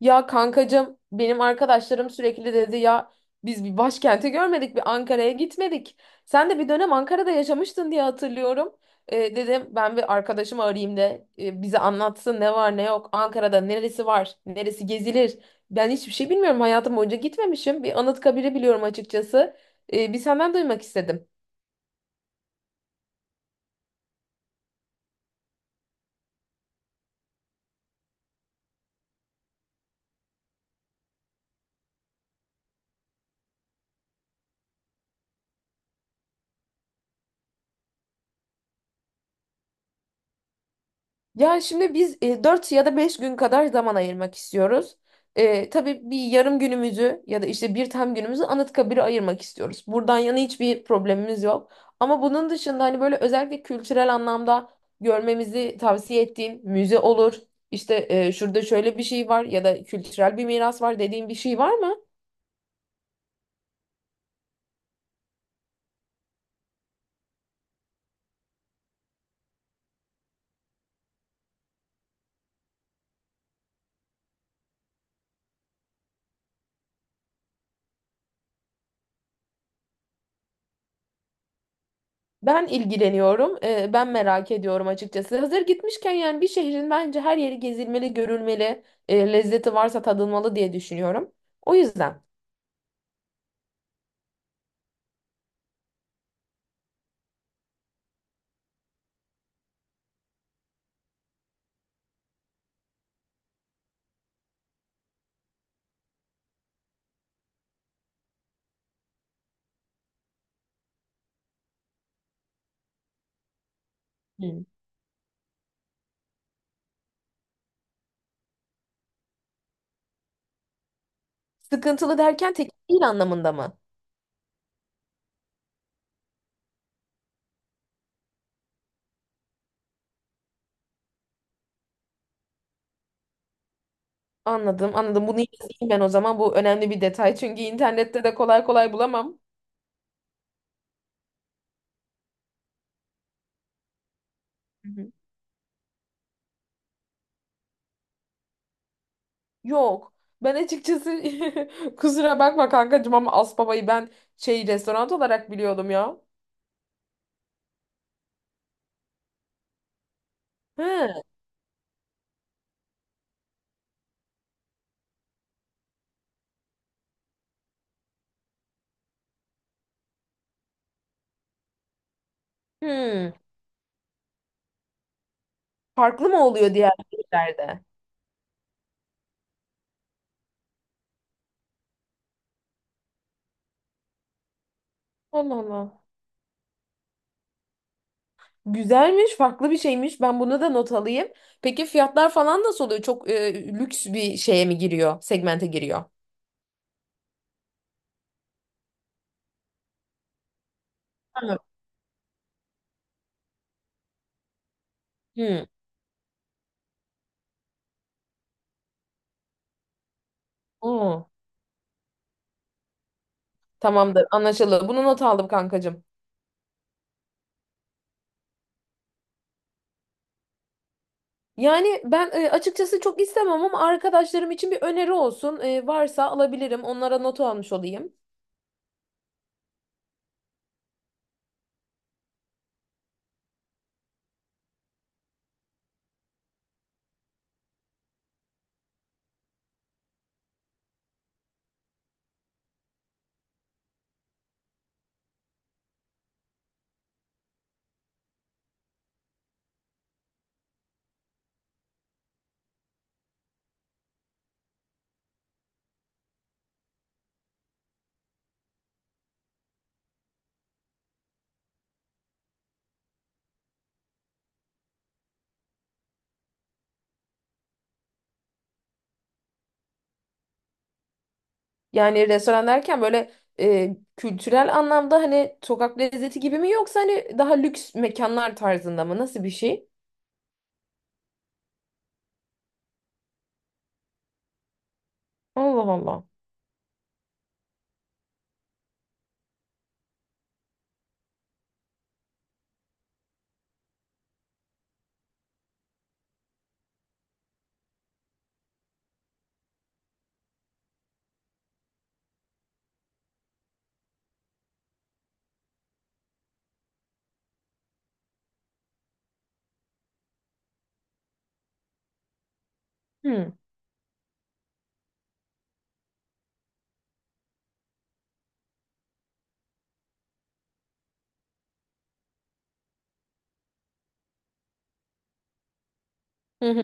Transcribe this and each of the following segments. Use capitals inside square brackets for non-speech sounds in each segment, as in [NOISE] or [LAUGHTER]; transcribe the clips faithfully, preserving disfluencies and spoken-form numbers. Ya kankacığım benim arkadaşlarım sürekli dedi ya biz bir başkenti görmedik bir Ankara'ya gitmedik. Sen de bir dönem Ankara'da yaşamıştın diye hatırlıyorum. Ee, dedim ben bir arkadaşımı arayayım da e, bize anlatsın ne var ne yok. Ankara'da neresi var neresi gezilir. Ben hiçbir şey bilmiyorum hayatım boyunca gitmemişim. Bir Anıtkabir'i biliyorum açıkçası. Ee, bir senden duymak istedim. Ya şimdi biz e, dört ya da beş gün kadar zaman ayırmak istiyoruz. E, tabii bir yarım günümüzü ya da işte bir tam günümüzü Anıtkabir'e ayırmak istiyoruz. Buradan yana hiçbir problemimiz yok. Ama bunun dışında hani böyle özellikle kültürel anlamda görmemizi tavsiye ettiğin müze olur işte e, şurada şöyle bir şey var ya da kültürel bir miras var dediğin bir şey var mı? Ben ilgileniyorum. e, ben merak ediyorum açıkçası. Hazır gitmişken yani bir şehrin bence her yeri gezilmeli, görülmeli, e, lezzeti varsa tadılmalı diye düşünüyorum. O yüzden. Hmm. Sıkıntılı derken tekil değil anlamında mı? Anladım, anladım. Bunu yazayım ben o zaman. Bu önemli bir detay. [LAUGHS] Çünkü internette de kolay kolay bulamam. Hı hı. Yok. Ben açıkçası [LAUGHS] kusura bakma kankacığım ama Asbaba'yı ben şey restoran olarak biliyordum ya. Hı. Hı. Farklı mı oluyor diğer yerlerde? Allah Allah. Güzelmiş, farklı bir şeymiş. Ben bunu da not alayım. Peki fiyatlar falan nasıl oluyor? Çok e, lüks bir şeye mi giriyor? Segmente giriyor. Tamam. Hı. Oo. Tamamdır, anlaşıldı. Bunu not aldım kankacığım. Yani ben e, açıkçası çok istemem ama arkadaşlarım için bir öneri olsun. E, varsa alabilirim. Onlara not almış olayım. Yani restoran derken böyle e, kültürel anlamda hani sokak lezzeti gibi mi yoksa hani daha lüks mekanlar tarzında mı? Nasıl bir şey? Allah Allah. Hmm. Hı.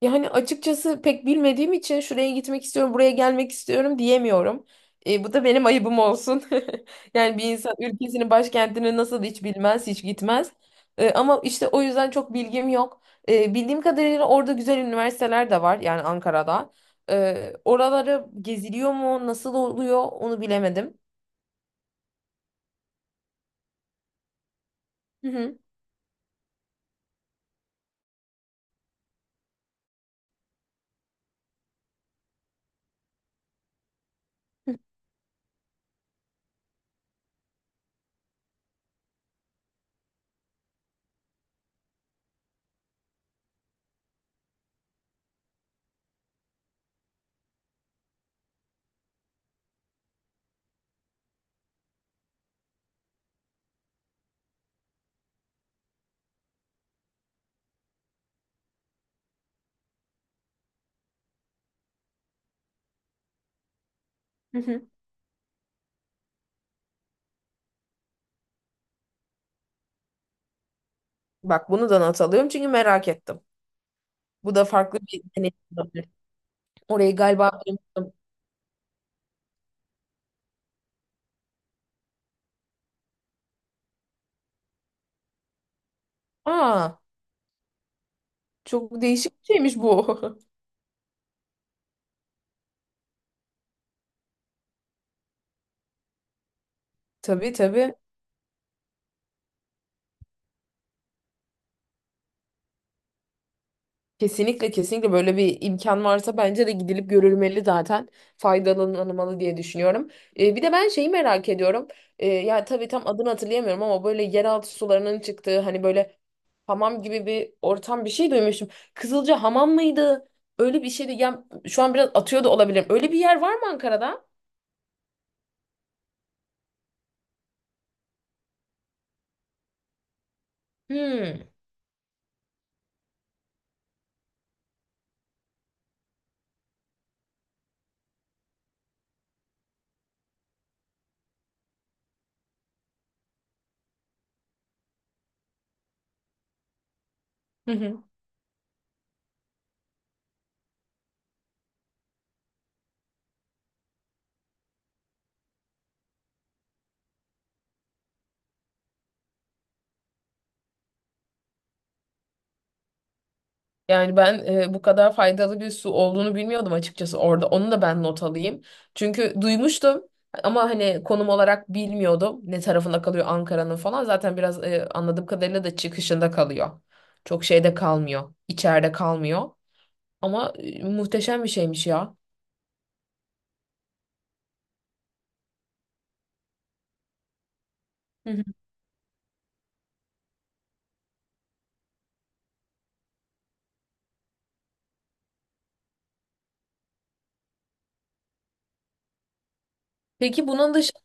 Yani açıkçası pek bilmediğim için şuraya gitmek istiyorum, buraya gelmek istiyorum diyemiyorum. E, bu da benim ayıbım olsun. [LAUGHS] Yani bir insan ülkesinin başkentini nasıl hiç bilmez, hiç gitmez. E, ama işte o yüzden çok bilgim yok. E, bildiğim kadarıyla orada güzel üniversiteler de var yani Ankara'da. E, oraları geziliyor mu, nasıl oluyor onu bilemedim. Hı hı. Hı hı. Bak bunu da not alıyorum çünkü merak ettim. Bu da farklı bir deneyim olabilir. Orayı galiba duymuştum. Aa. Çok değişik bir şeymiş bu. [LAUGHS] Tabii tabii. Kesinlikle kesinlikle böyle bir imkan varsa bence de gidilip görülmeli zaten. Faydalanılmalı diye düşünüyorum. Ee, bir de ben şeyi merak ediyorum. Ee, ya tabii tam adını hatırlayamıyorum ama böyle yeraltı sularının çıktığı hani böyle hamam gibi bir ortam bir şey duymuştum. Kızılca hamam mıydı? Öyle bir şeydi. Ya şu an biraz atıyor da olabilirim. Öyle bir yer var mı Ankara'da? Hmm. [LAUGHS] Yani ben e, bu kadar faydalı bir su olduğunu bilmiyordum açıkçası orada. Onu da ben not alayım. Çünkü duymuştum ama hani konum olarak bilmiyordum ne tarafında kalıyor Ankara'nın falan. Zaten biraz e, anladığım kadarıyla da çıkışında kalıyor. Çok şeyde kalmıyor, içeride kalmıyor. Ama e, muhteşem bir şeymiş ya. Hı hı. Peki bunun dışında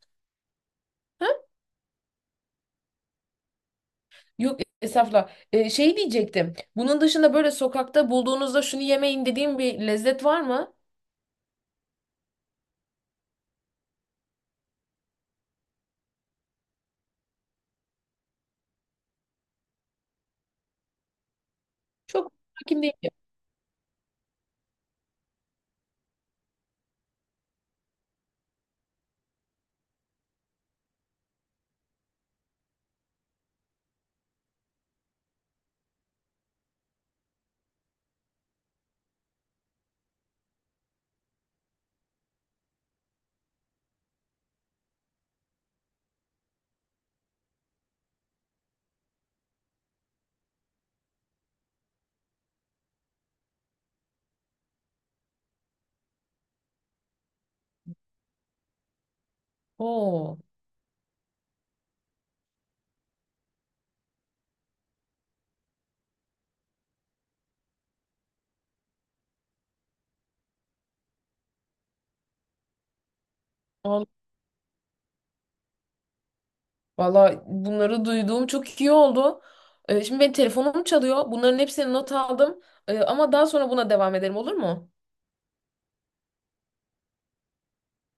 yok estağfurullah. E, şey diyecektim. Bunun dışında böyle sokakta bulduğunuzda şunu yemeyin dediğim bir lezzet var mı? Çok hakim değilim. Oo. Valla bunları duyduğum çok iyi oldu. Ee, şimdi benim telefonum çalıyor. Bunların hepsini not aldım. Ee, ama daha sonra buna devam edelim olur mu?